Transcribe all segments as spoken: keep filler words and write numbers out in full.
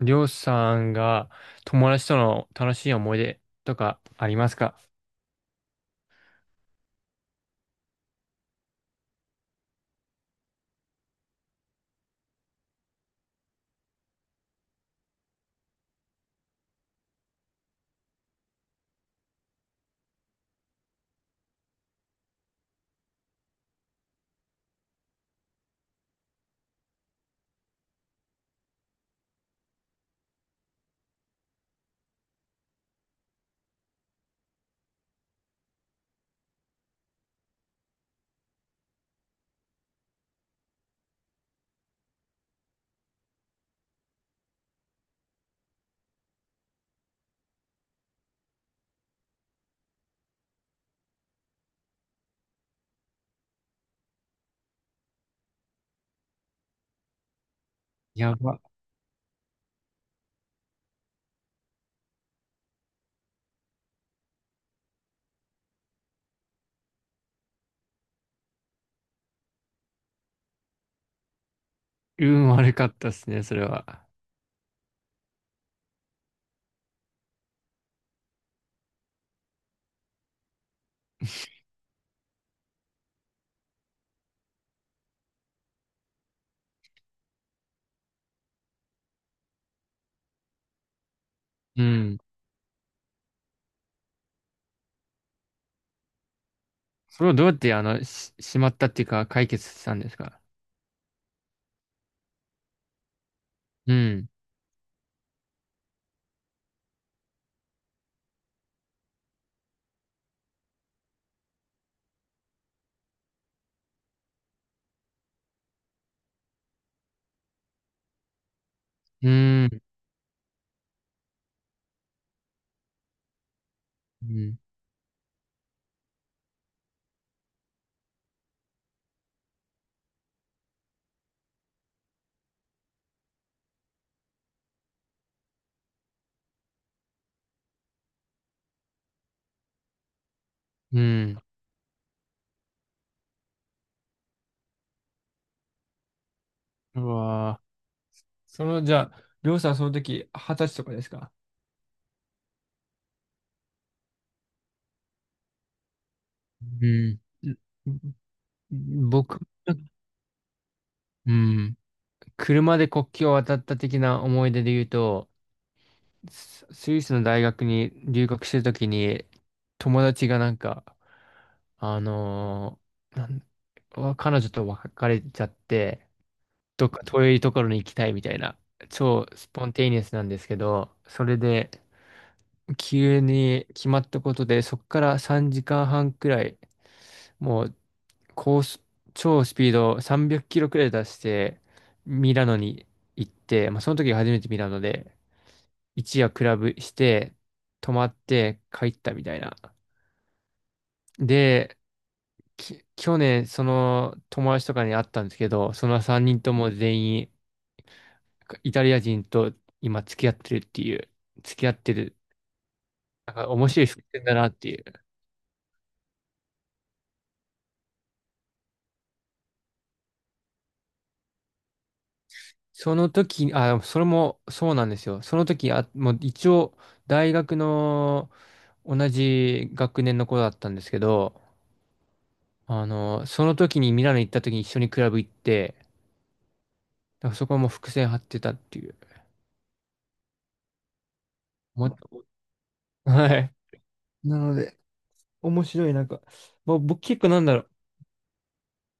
りょうさんが友達との楽しい思い出とかありますか？やば。運悪かったですね、それは。うん。それをどうやってあの、し、しまったっていうか解決したんですか？うん。うん。うん。うん。うわぁ。その、じゃあ、りょうさん、その時、二十歳とかですか？うん。ん、僕、うん、車で国境を渡った的な思い出で言うと、ススイスの大学に留学してるときに、友達がなんか、あのーなんわ彼女と別れちゃって、どっか遠いところに行きたいみたいな、超スポンテイニアスなんですけど、それで、急に決まったことで、そこからさんじかんはんくらい、もう、高速、超スピードさんびゃくキロくらい出して、ミラノに行って、まあ、その時が初めてミラノで、一夜クラブして、泊まって帰ったみたいな。で、き去年、その友達とかに会ったんですけど、そのさんにんとも全員、イタリア人と今付き合ってるっていう、付き合ってる、なんか面白い伏線だなっていう。その時、あ、それもそうなんですよ。その時、あ、もう一応、大学の同じ学年の子だったんですけど、あの、その時にミラノ行った時に一緒にクラブ行って、だからそこはもう伏線張ってたっていう。もはい。なので、面白い、なんか、まあ、僕結構なんだろう。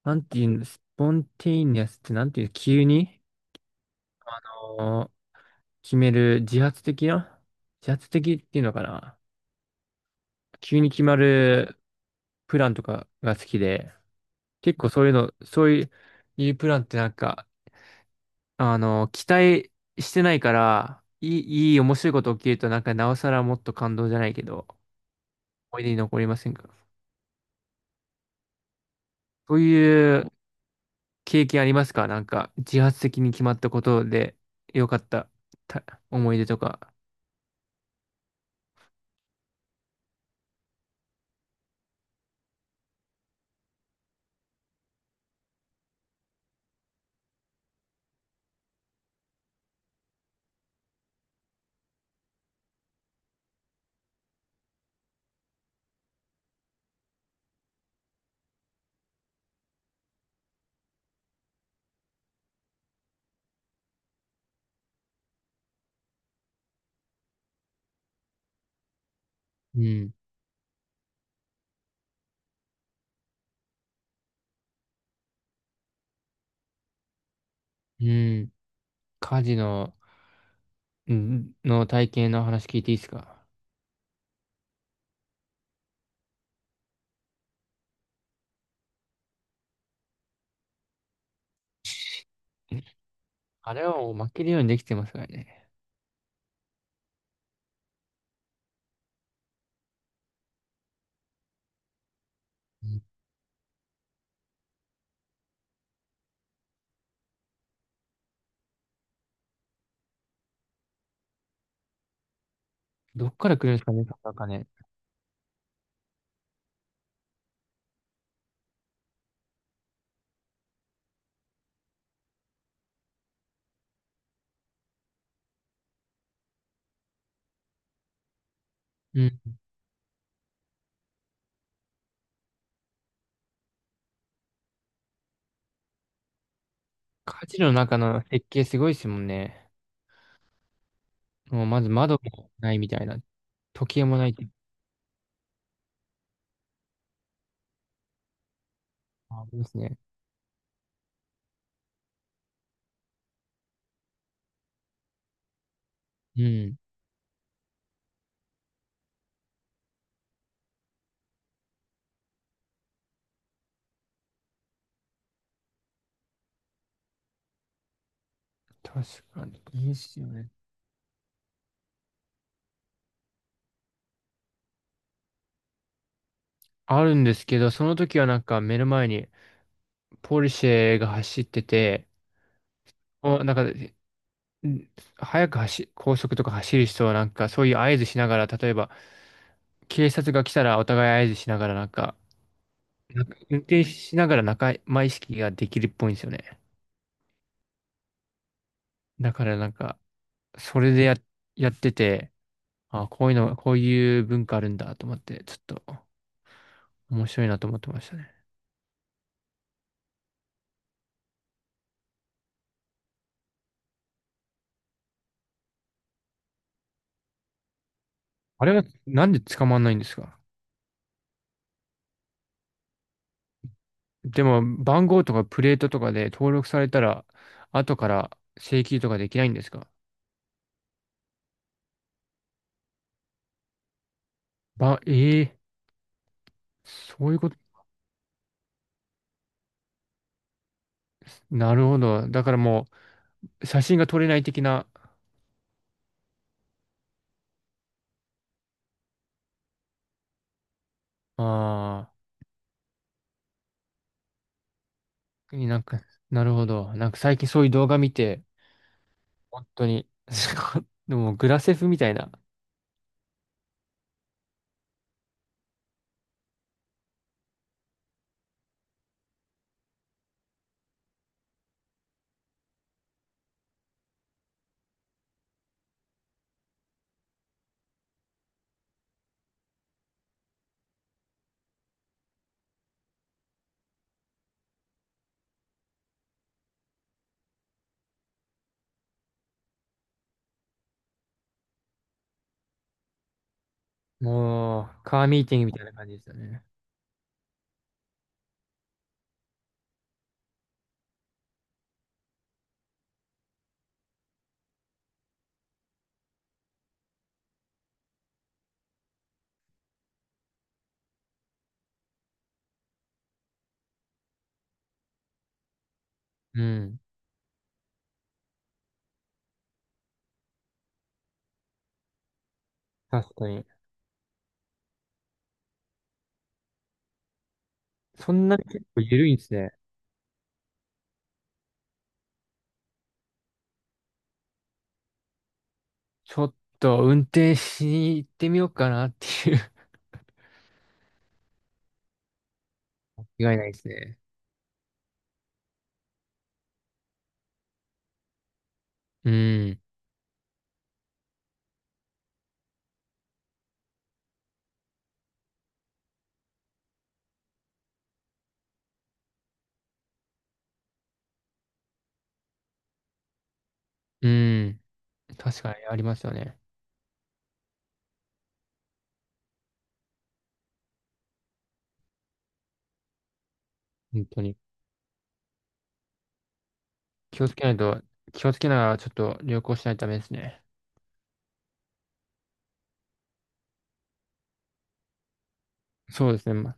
なんていうんです、スポンテイニアスってなんていう、急に、あの決める自発的な、自発的っていうのかな。急に決まるプランとかが好きで、結構そういうの、そういう、いうプランってなんか、あの、期待してないから、いい、いい面白いこと起きるとなんかなおさらもっと感動じゃないけど、思い出に残りませんか？そういう経験ありますか？なんか、自発的に決まったことで良かったた思い出とか。うん。うん。家事の、んの体験の話聞いていいですか？あれはもう負けるようにできてますからね。うん。どっから来るんですかね、その金。うん。家事の中の設計すごいですもんね。もうまず窓もないみたいな。時計もないって。ありますね。うん。確かに。いいっすよね。あるんですけど、その時はなんか目の前にポルシェが走ってて、お、なんか、ん、早く走、高速とか走る人はなんか、そういう合図しながら、例えば、警察が来たらお互い合図しながらなんか、なんか運転しながら仲間意識ができるっぽいんですよね。だからなんか、それでや、やってて、あ、こういうの、こういう文化あるんだと思って、ちょっと面白いなと思ってましたね。あれはなんで捕まんないんですか？でも、番号とかプレートとかで登録されたら、後から請求とかできないんですか？ば、ええそういうこと、なるほど。だからもう、写真が撮れない的な、ああ、なんか、なるほど。なんか最近そういう動画見て、本当に、でもグラセフみたいな、もう、カーミーティングみたいな感じでしたね。うん、確かに。そんなに結構緩いんですね。ちょっと運転しに行ってみようかなっていう。違いないですね。うん、うん、確かにありますよね。本当に。気をつけないと、気をつけながらちょっと旅行しないとダメですね。そうですね。ま